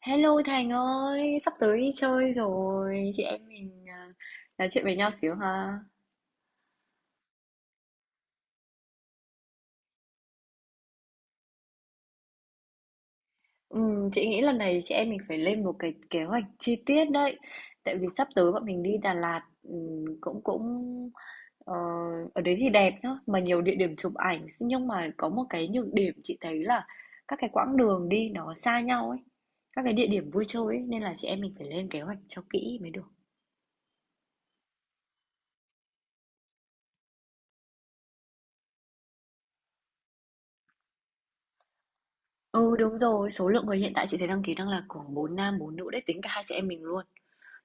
Hello Thành ơi, sắp tới đi chơi rồi, chị em mình à, nói chuyện với nhau xíu ha. Chị nghĩ lần này chị em mình phải lên một cái kế hoạch chi tiết đấy, tại vì sắp tới bọn mình đi Đà Lạt, cũng cũng ờ, ở đấy thì đẹp nhá, mà nhiều địa điểm chụp ảnh, nhưng mà có một cái nhược điểm chị thấy là các cái quãng đường đi nó xa nhau ấy, các cái địa điểm vui chơi ấy, nên là chị em mình phải lên kế hoạch cho kỹ mới được. Ừ, đúng rồi, số lượng người hiện tại chị thấy đăng ký đang là khoảng 4 nam 4 nữ đấy, tính cả hai chị em mình luôn.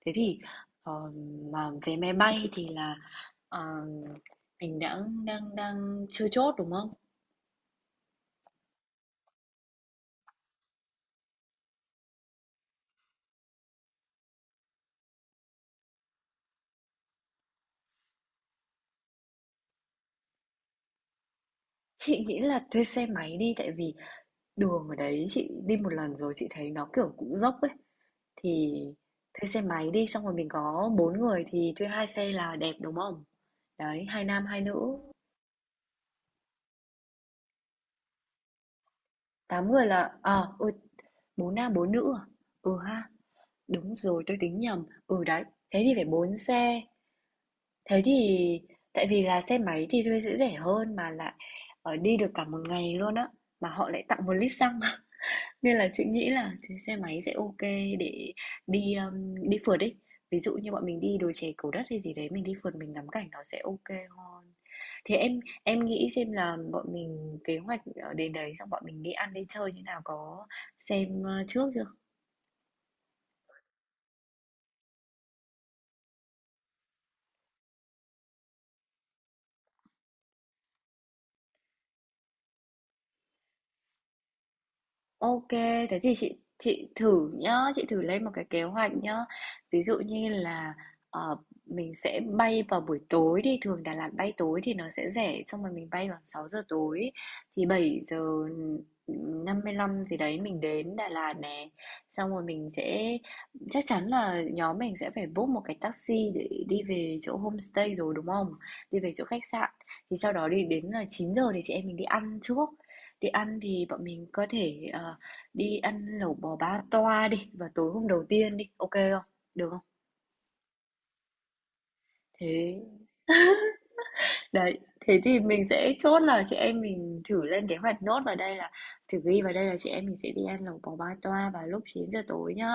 Thế thì ờ, mà vé máy bay thì là ờ, mình đã đang đang chưa chốt đúng không? Chị nghĩ là thuê xe máy đi tại vì đường ở đấy chị đi một lần rồi chị thấy nó kiểu cũng dốc ấy, thì thuê xe máy đi xong rồi mình có bốn người thì thuê hai xe là đẹp đúng không? Đấy, hai nam hai nữ, tám người là à ôi bốn nam bốn nữ à? Ừ ha. Đúng rồi, tôi tính nhầm. Ừ, đấy, thế thì phải 4 xe. Thế thì tại vì là xe máy thì thuê sẽ rẻ hơn mà lại đi được cả một ngày luôn á, mà họ lại tặng 1 lít xăng nên là chị nghĩ là thì xe máy sẽ ok để đi, đi phượt đi. Ví dụ như bọn mình đi đồi chè Cầu Đất hay gì đấy, mình đi phượt mình ngắm cảnh nó sẽ ok hơn. Thì em nghĩ xem là bọn mình kế hoạch, đến đấy xong bọn mình đi ăn đi chơi như nào, có xem trước chưa? Ok, thế thì chị thử nhá, chị thử lên một cái kế hoạch nhá. Ví dụ như là ờ, mình sẽ bay vào buổi tối đi, thường Đà Lạt bay tối thì nó sẽ rẻ, xong rồi mình bay vào 6 giờ tối thì 7:55 gì đấy mình đến Đà Lạt nè. Xong rồi mình sẽ chắc chắn là nhóm mình sẽ phải book một cái taxi để đi về chỗ homestay rồi đúng không? Đi về chỗ khách sạn. Thì sau đó đi đến là 9 giờ thì chị em mình đi ăn trước. Đi ăn thì bọn mình có thể, đi ăn lẩu bò ba toa đi vào tối hôm đầu tiên đi, OK không? Được không? Thế đấy, thế thì mình sẽ chốt là chị em mình thử lên kế hoạch nốt vào đây là thử ghi vào đây là chị em mình sẽ đi ăn lẩu bò ba toa vào lúc 9 giờ tối nhá.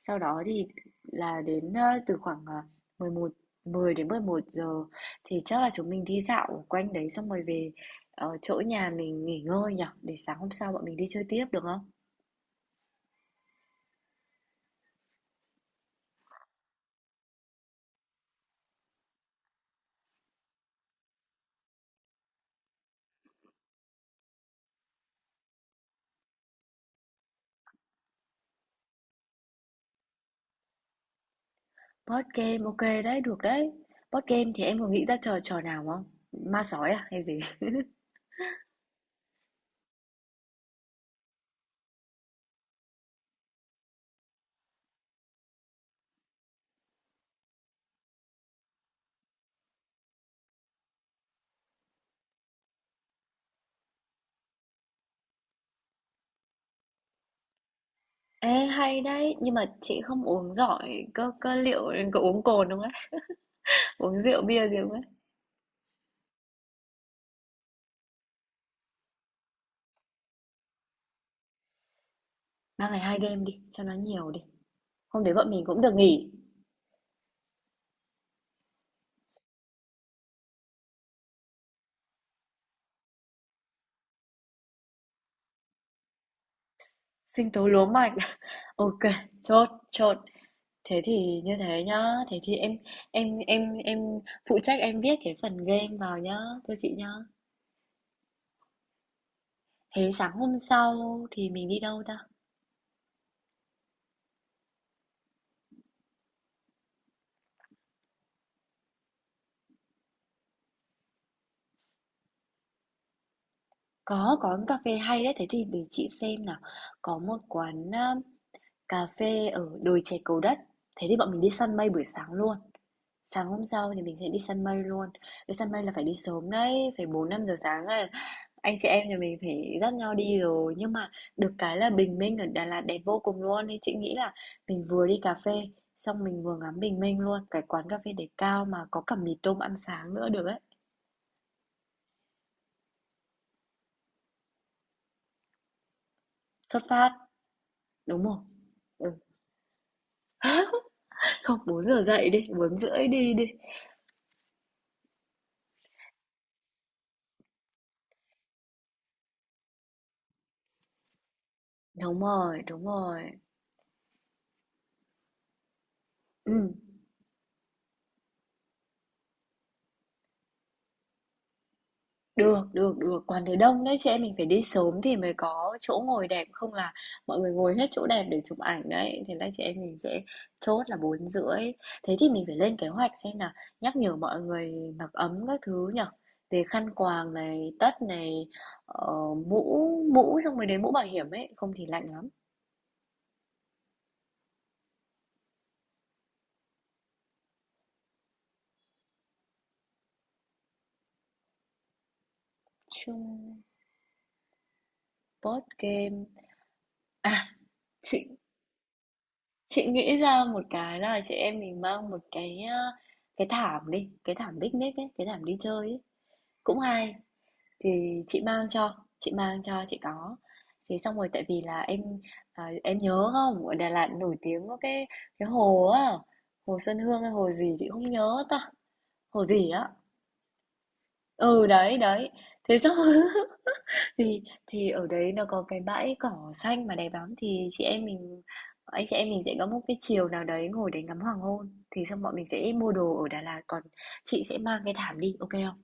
Sau đó thì là đến, từ khoảng, 11 10 đến 11 giờ thì chắc là chúng mình đi dạo quanh đấy xong rồi về, chỗ nhà mình nghỉ ngơi nhở, để sáng hôm sau bọn mình đi chơi tiếp được không? Board game, ok đấy, được đấy. Board game thì em có nghĩ ra trò trò nào không? Ma sói à hay gì? Ê hay đấy, nhưng mà chị không uống giỏi cơ cơ liệu có uống cồn đúng không ấy? Uống rượu bia gì không ấy? 3 ngày 2 đêm đi, cho nó nhiều đi. Hôm đấy bọn mình cũng được nghỉ. Sinh tố lúa mạch. Ok, chốt, chốt. Thế thì như thế nhá, thế thì em phụ trách em viết cái phần game vào nhá, thưa chị nhá. Thế sáng hôm sau thì mình đi đâu ta? Có quán cà phê hay đấy, thế thì để chị xem nào. Có một quán, cà phê ở đồi chè Cầu Đất, thế thì bọn mình đi săn mây buổi sáng luôn. Sáng hôm sau thì mình sẽ đi săn mây luôn. Đi săn mây là phải đi sớm đấy, phải 4 5 giờ sáng là anh chị em nhà mình phải dắt nhau đi rồi. Nhưng mà được cái là bình minh ở Đà Lạt đẹp vô cùng luôn, nên chị nghĩ là mình vừa đi cà phê, xong mình vừa ngắm bình minh luôn. Cái quán cà phê để cao mà có cả mì tôm ăn sáng nữa được ấy. Xuất phát, đúng không? Ừ. Không, 4 giờ dậy đi, 4:30 đi đi. Đúng rồi, đúng rồi. Ừm, được, được, được, quán đấy đông đấy, chị em mình phải đi sớm thì mới có chỗ ngồi đẹp, không là mọi người ngồi hết chỗ đẹp để chụp ảnh đấy. Thế là chị em mình sẽ chốt là 4:30. Thế thì mình phải lên kế hoạch xem là nhắc nhở mọi người mặc ấm các thứ nhở. Về khăn quàng này, tất này, ờ, mũ, xong rồi đến mũ bảo hiểm ấy, không thì lạnh lắm. Chung, board game. À, chị Chị nghĩ ra một cái là chị em mình mang một cái, cái thảm đi, cái thảm picnic ấy, cái thảm đi chơi ấy. Cũng hay. Thì chị mang cho, chị mang cho chị có. Thì xong rồi tại vì là em à, em nhớ không, ở Đà Lạt nổi tiếng có cái hồ á, hồ Xuân Hương hay hồ gì chị không nhớ ta. Hồ gì á? Ừ đấy, đấy. Thế xong Thì thì ở đấy nó có cái bãi cỏ xanh mà đẹp lắm, thì chị em mình anh chị em mình sẽ có một cái chiều nào đấy ngồi để ngắm hoàng hôn, thì xong bọn mình sẽ mua đồ ở Đà Lạt, còn chị sẽ mang cái thảm đi, ok không?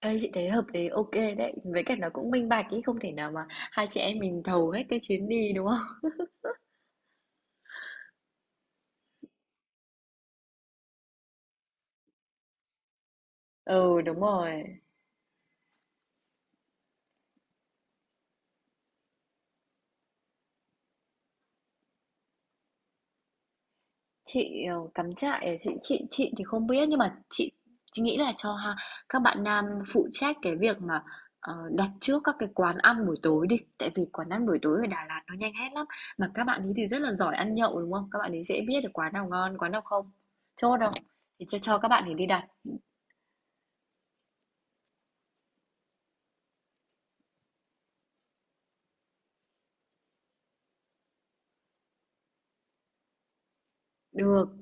Ê, chị thấy hợp lý, ok đấy, với cả nó cũng minh bạch ý, không thể nào mà hai chị em mình thầu hết cái chuyến đi đúng không? Ừ, đúng rồi. Chị, cắm trại à? Chị thì không biết nhưng mà chị nghĩ là cho ha, các bạn nam phụ trách cái việc mà, đặt trước các cái quán ăn buổi tối đi, tại vì quán ăn buổi tối ở Đà Lạt nó nhanh hết lắm. Mà các bạn ấy thì rất là giỏi ăn nhậu đúng không? Các bạn ấy dễ biết được quán nào ngon, quán nào không. Chốt không? Thì cho các bạn ấy đi đặt. Được,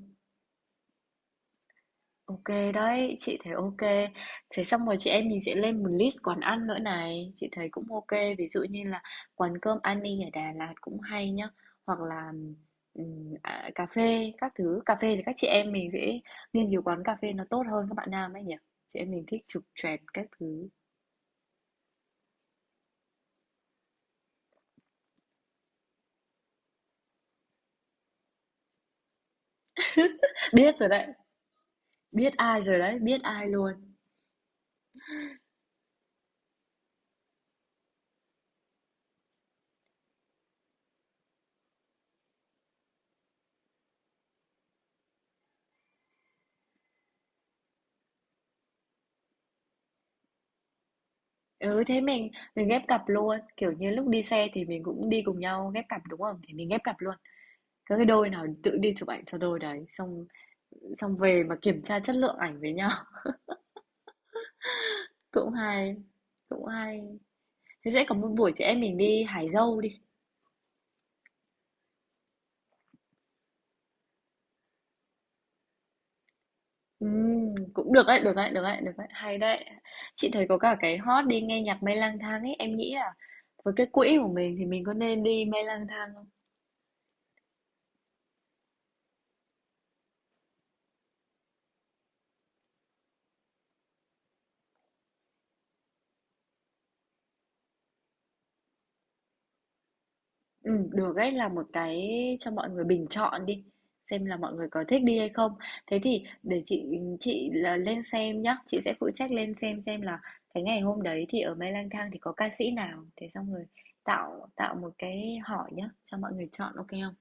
OK đấy, chị thấy OK. Thế xong rồi chị em mình sẽ lên một list quán ăn nữa này, chị thấy cũng OK. Ví dụ như là quán cơm Ani ở Đà Lạt cũng hay nhá, hoặc là à, cà phê các thứ. Cà phê thì các chị em mình sẽ nghiên cứu quán cà phê nó tốt hơn các bạn nam ấy nhỉ. Chị em mình thích chụp choẹt các thứ. Biết rồi đấy, biết ai rồi đấy, biết ai luôn. Ừ thế mình ghép cặp luôn, kiểu như lúc đi xe thì mình cũng đi cùng nhau ghép cặp đúng không? Thì mình ghép cặp luôn. Các cái đôi nào tự đi chụp ảnh cho đôi đấy xong xong về mà kiểm tra chất lượng ảnh với nhau cũng hay, cũng hay. Thế sẽ có một buổi chị em mình đi hái dâu đi. Cũng được đấy, được đấy, được đấy, được đấy, hay đấy, chị thấy có cả cái hot đi nghe nhạc mây lang thang ấy, em nghĩ là với cái quỹ của mình thì mình có nên đi mây lang thang. Ừ, được ấy là một cái cho mọi người bình chọn đi, xem là mọi người có thích đi hay không. Thế thì để chị là lên xem nhá, chị sẽ phụ trách lên xem là cái ngày hôm đấy thì ở Mê Lang Thang thì có ca sĩ nào, thế xong rồi tạo tạo một cái hỏi nhá cho mọi người chọn ok không.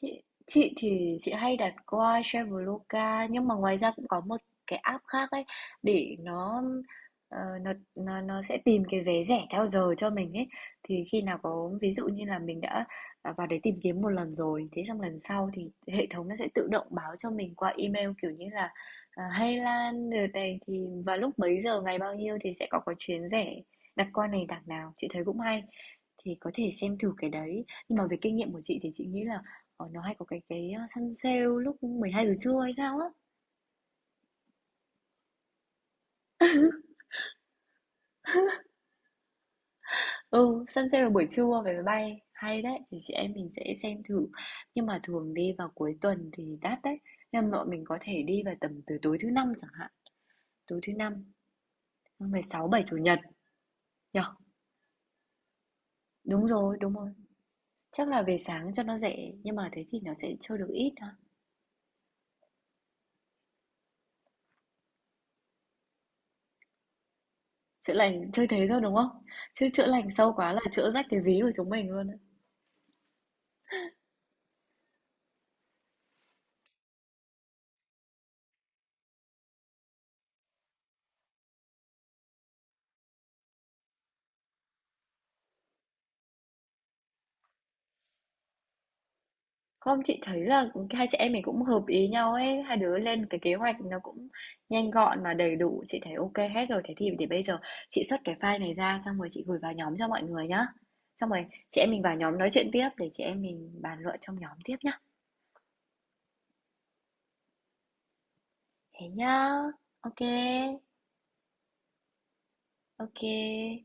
Chị thì chị hay đặt qua Traveloka nhưng mà ngoài ra cũng có một cái app khác ấy để nó, nó sẽ tìm cái vé rẻ theo giờ cho mình ấy, thì khi nào có ví dụ như là mình đã, vào đấy tìm kiếm một lần rồi thế xong lần sau thì hệ thống nó sẽ tự động báo cho mình qua email kiểu như là, hey Lan đợt này thì vào lúc mấy giờ ngày bao nhiêu thì sẽ có chuyến rẻ, đặt qua này đặt nào chị thấy cũng hay, thì có thể xem thử cái đấy nhưng mà về kinh nghiệm của chị thì chị nghĩ là nó hay có săn sale lúc 12 giờ trưa hay sao á. Ừ, săn sale vào buổi trưa về máy bay, hay đấy, thì chị em mình sẽ xem thử. Nhưng mà thường đi vào cuối tuần thì đắt đấy, nên bọn mình có thể đi vào tầm từ tối thứ Năm chẳng hạn, tối thứ Năm, ngày 6 7 Chủ nhật nhở. Đúng rồi, đúng rồi. Chắc là về sáng cho nó rẻ, nhưng mà thế thì nó sẽ chơi được ít ha. Chữa lành chơi thế thôi đúng không? Chứ chữa lành sâu quá là chữa rách cái ví của chúng mình luôn. Không, chị thấy là hai chị em mình cũng hợp ý nhau ấy, hai đứa lên cái kế hoạch nó cũng nhanh gọn mà đầy đủ, chị thấy ok hết rồi. Thế thì để bây giờ chị xuất cái file này ra xong rồi chị gửi vào nhóm cho mọi người nhá. Xong rồi chị em mình vào nhóm nói chuyện tiếp để chị em mình bàn luận trong nhóm tiếp nhá. Thế nhá. Ok. Ok.